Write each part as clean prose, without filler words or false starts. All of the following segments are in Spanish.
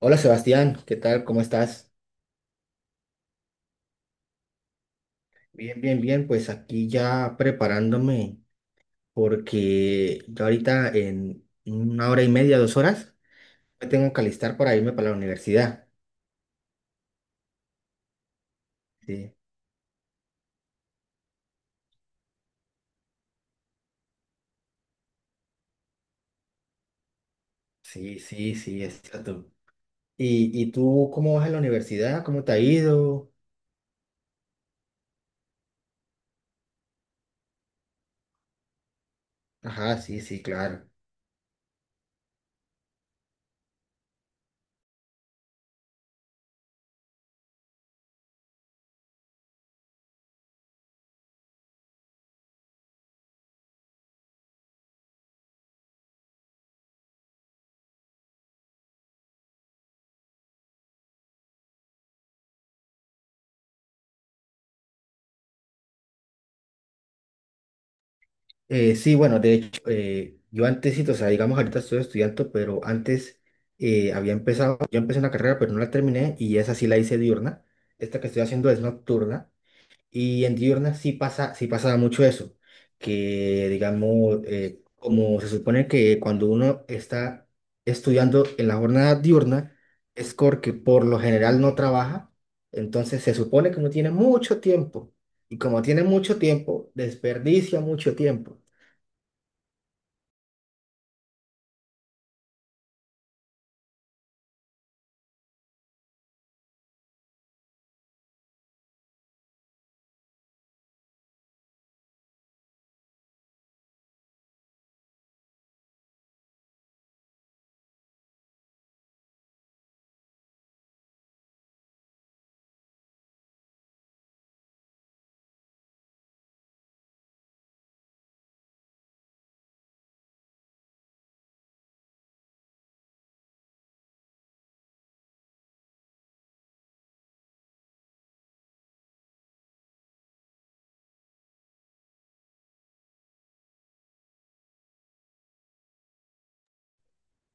Hola Sebastián, ¿qué tal? ¿Cómo estás? Bien, bien, bien. Pues aquí ya preparándome porque yo ahorita en una hora y media, 2 horas, me tengo que alistar para irme para la universidad. Sí, sí, sí, sí, exacto. ¿Y tú cómo vas a la universidad? ¿Cómo te ha ido? Ajá, sí, sí, claro. Sí, bueno, de hecho, yo antes, sí, o sea, digamos, ahorita estoy estudiando, pero antes había empezado, yo empecé una carrera, pero no la terminé y esa sí la hice diurna. Esta que estoy haciendo es nocturna. Y en diurna sí pasa, sí pasaba mucho eso, que digamos, como se supone que cuando uno está estudiando en la jornada diurna, es porque por lo general no trabaja, entonces se supone que uno tiene mucho tiempo, y como tiene mucho tiempo, desperdicia mucho tiempo.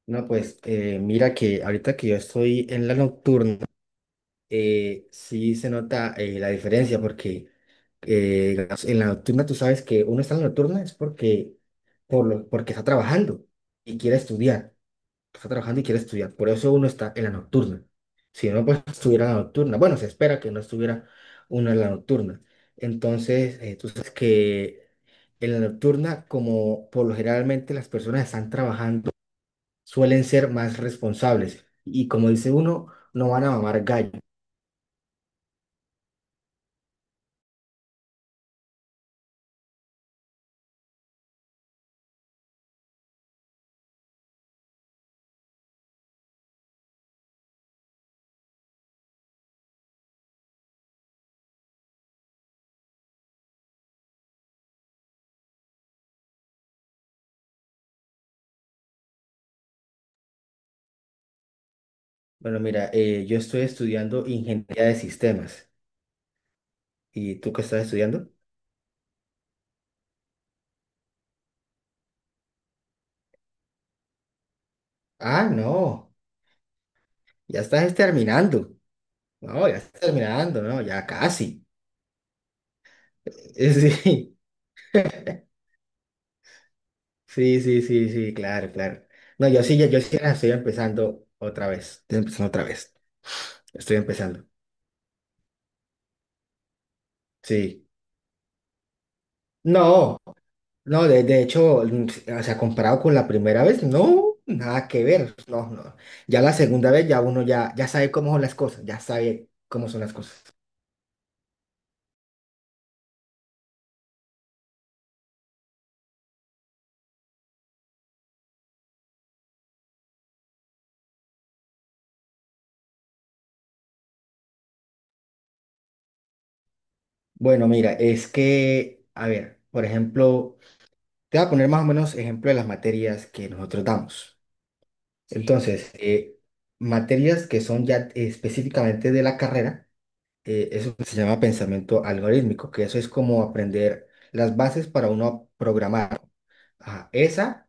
No, pues mira que ahorita que yo estoy en la nocturna, sí se nota la diferencia porque digamos, en la nocturna tú sabes que uno está en la nocturna es porque, porque está trabajando y quiere estudiar, está trabajando y quiere estudiar, por eso uno está en la nocturna. Si no, pues estuviera en la nocturna, bueno, se espera que no estuviera uno en la nocturna. Entonces, tú sabes que en la nocturna, como por lo generalmente las personas están trabajando, suelen ser más responsables y como dice uno, no van a mamar gallo. Bueno, mira, yo estoy estudiando ingeniería de sistemas. ¿Y tú qué estás estudiando? Ah, no, ya estás terminando. No, ya estás terminando, no, ya casi. Sí, sí, sí, sí, sí, claro, claro. No, yo sí, yo sí apenas estoy empezando otra vez. Estoy empezando otra vez. Estoy empezando. Sí. No, no, de hecho, o sea, comparado con la primera vez, no, nada que ver. No, no. Ya la segunda vez ya uno ya sabe cómo son las cosas, ya sabe cómo son las cosas. Bueno, mira, es que, a ver, por ejemplo, te voy a poner más o menos ejemplo de las materias que nosotros damos. Sí, entonces, materias que son ya específicamente de la carrera eso se llama pensamiento algorítmico, que eso es como aprender las bases para uno programar. Ajá, esa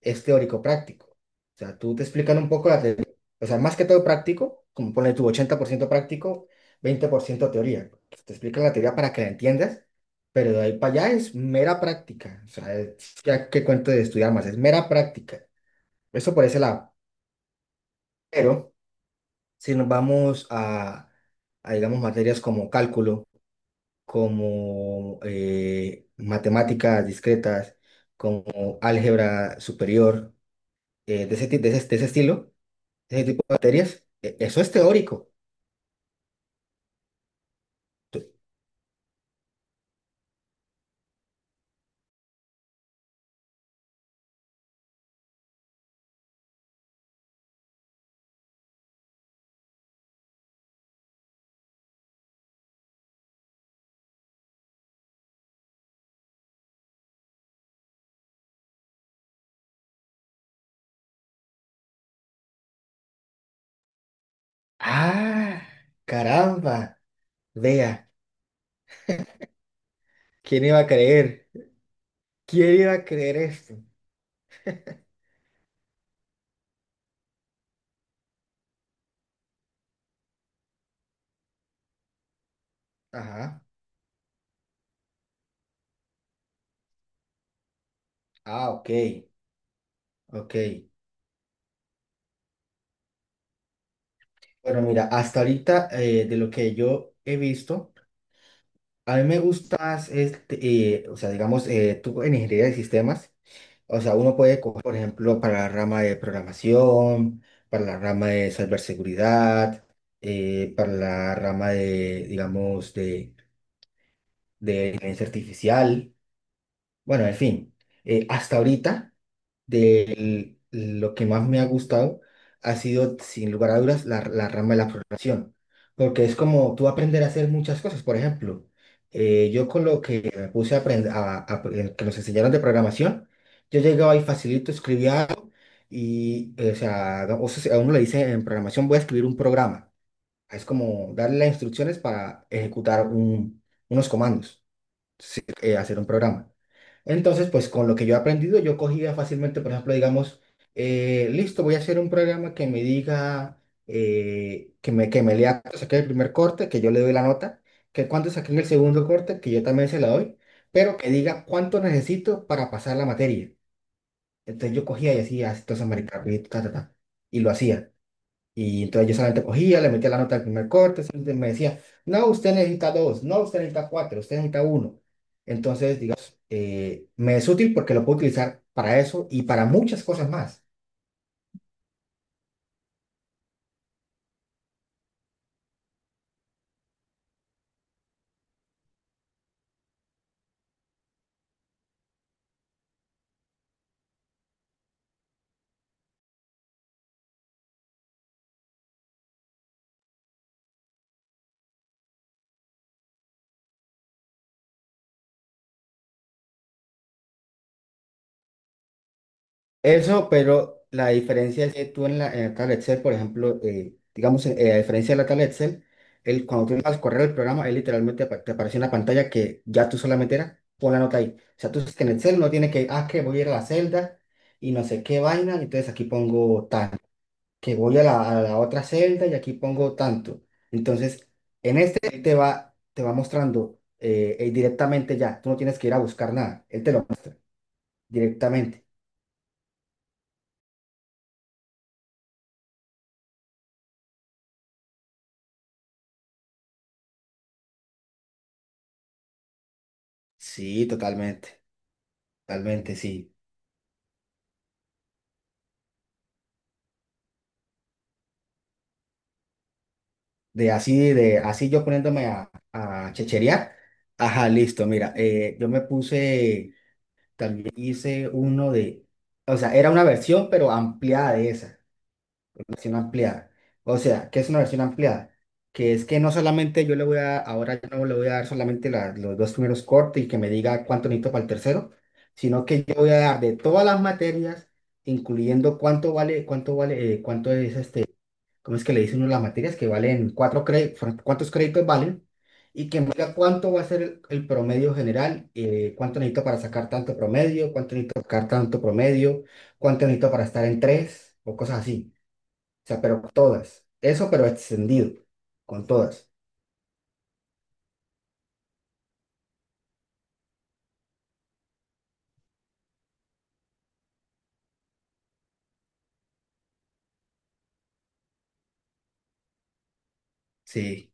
es teórico-práctico. O sea, tú te explican un poco la teoría. O sea, más que todo práctico, como pone tu 80% práctico, 20% teoría. Te explican la teoría para que la entiendas, pero de ahí para allá es mera práctica. O sea, ya que cuento de estudiar más, es mera práctica. Eso por ese lado. Pero si nos vamos a, digamos, materias como cálculo, como matemáticas discretas, como álgebra superior, de ese estilo, de ese tipo de materias, eso es teórico. Tú- Ah, caramba, vea, ¿quién iba a creer? ¿Quién iba a creer esto? Ajá, ah, ok, ok. Bueno, mira, hasta ahorita de lo que yo he visto, a mí me gusta más, este, o sea, digamos, tú en ingeniería de sistemas, o sea, uno puede coger, por ejemplo, para la rama de programación, para la rama de ciberseguridad, para la rama de, digamos, de inteligencia artificial. Bueno, en fin, hasta ahorita, de lo que más me ha gustado ha sido, sin lugar a dudas, la rama de la programación, porque es como tú aprender a hacer muchas cosas. Por ejemplo, yo con lo que me puse a aprender, que nos enseñaron de programación, yo llegaba y facilito, escribía algo y, o sea, no, o sea, a uno le dice en programación voy a escribir un programa. Es como darle las instrucciones para ejecutar unos comandos sí, hacer un programa. Entonces, pues con lo que yo he aprendido, yo cogía fácilmente, por ejemplo, digamos, listo, voy a hacer un programa que me diga, que me lea cuando saqué el primer corte, que yo le doy la nota, que cuando saqué el segundo corte, que yo también se la doy, pero que diga cuánto necesito para pasar la materia. Entonces yo cogía y hacía, entonces, marica, y ta, ta, ta, y lo hacía. Y entonces yo solamente cogía, le metía la nota al primer corte, siempre me decía, no, usted necesita dos, no, usted necesita cuatro, usted necesita uno. Entonces, digamos, me es útil porque lo puedo utilizar para eso y para muchas cosas más. Eso, pero la diferencia es que tú en la, tabla Excel, por ejemplo, digamos, a diferencia de la tabla Excel, cuando tú vas a correr el programa, él literalmente te aparece una pantalla que ya tú solamente era, pon la nota ahí. O sea, tú sabes que en Excel no tiene que, que voy a ir a la celda y no sé qué vaina, entonces aquí pongo tal. Que voy a la, otra celda y aquí pongo tanto. Entonces, en este él te va mostrando directamente ya. Tú no tienes que ir a buscar nada. Él te lo muestra directamente. Sí, totalmente. Totalmente, sí. De así yo poniéndome a, checherear. Ajá, listo. Mira, yo me puse, también hice uno de, o sea, era una versión, pero ampliada de esa. Versión ampliada. O sea, ¿qué es una versión ampliada? Que es que no solamente yo le voy a, ahora yo no le voy a dar solamente los dos primeros cortes y que me diga cuánto necesito para el tercero, sino que yo voy a dar de todas las materias, incluyendo cuánto vale, cuánto es este, ¿cómo es que le dicen uno las materias? Que valen 4 créditos, cuántos créditos valen, y que me diga cuánto va a ser el promedio general, cuánto necesito para sacar tanto promedio, cuánto necesito para sacar tanto promedio, cuánto necesito para estar en tres, o cosas así. O sea, pero todas. Eso, pero extendido, con todas. Sí,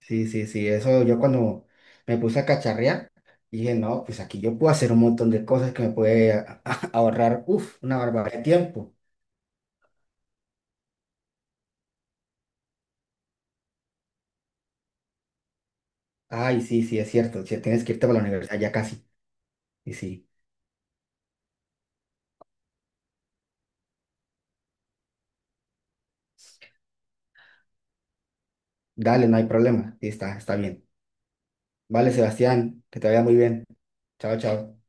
sí, sí, sí. Eso yo cuando me puse a cacharrear, dije, no, pues aquí yo puedo hacer un montón de cosas que me puede ahorrar, uf, una barbaridad de tiempo. Ay, sí, sí, es cierto. Si tienes que irte para la universidad ya casi. Y sí, dale, no hay problema. Sí, está bien. Vale, Sebastián, que te vaya muy bien. Chao, chao.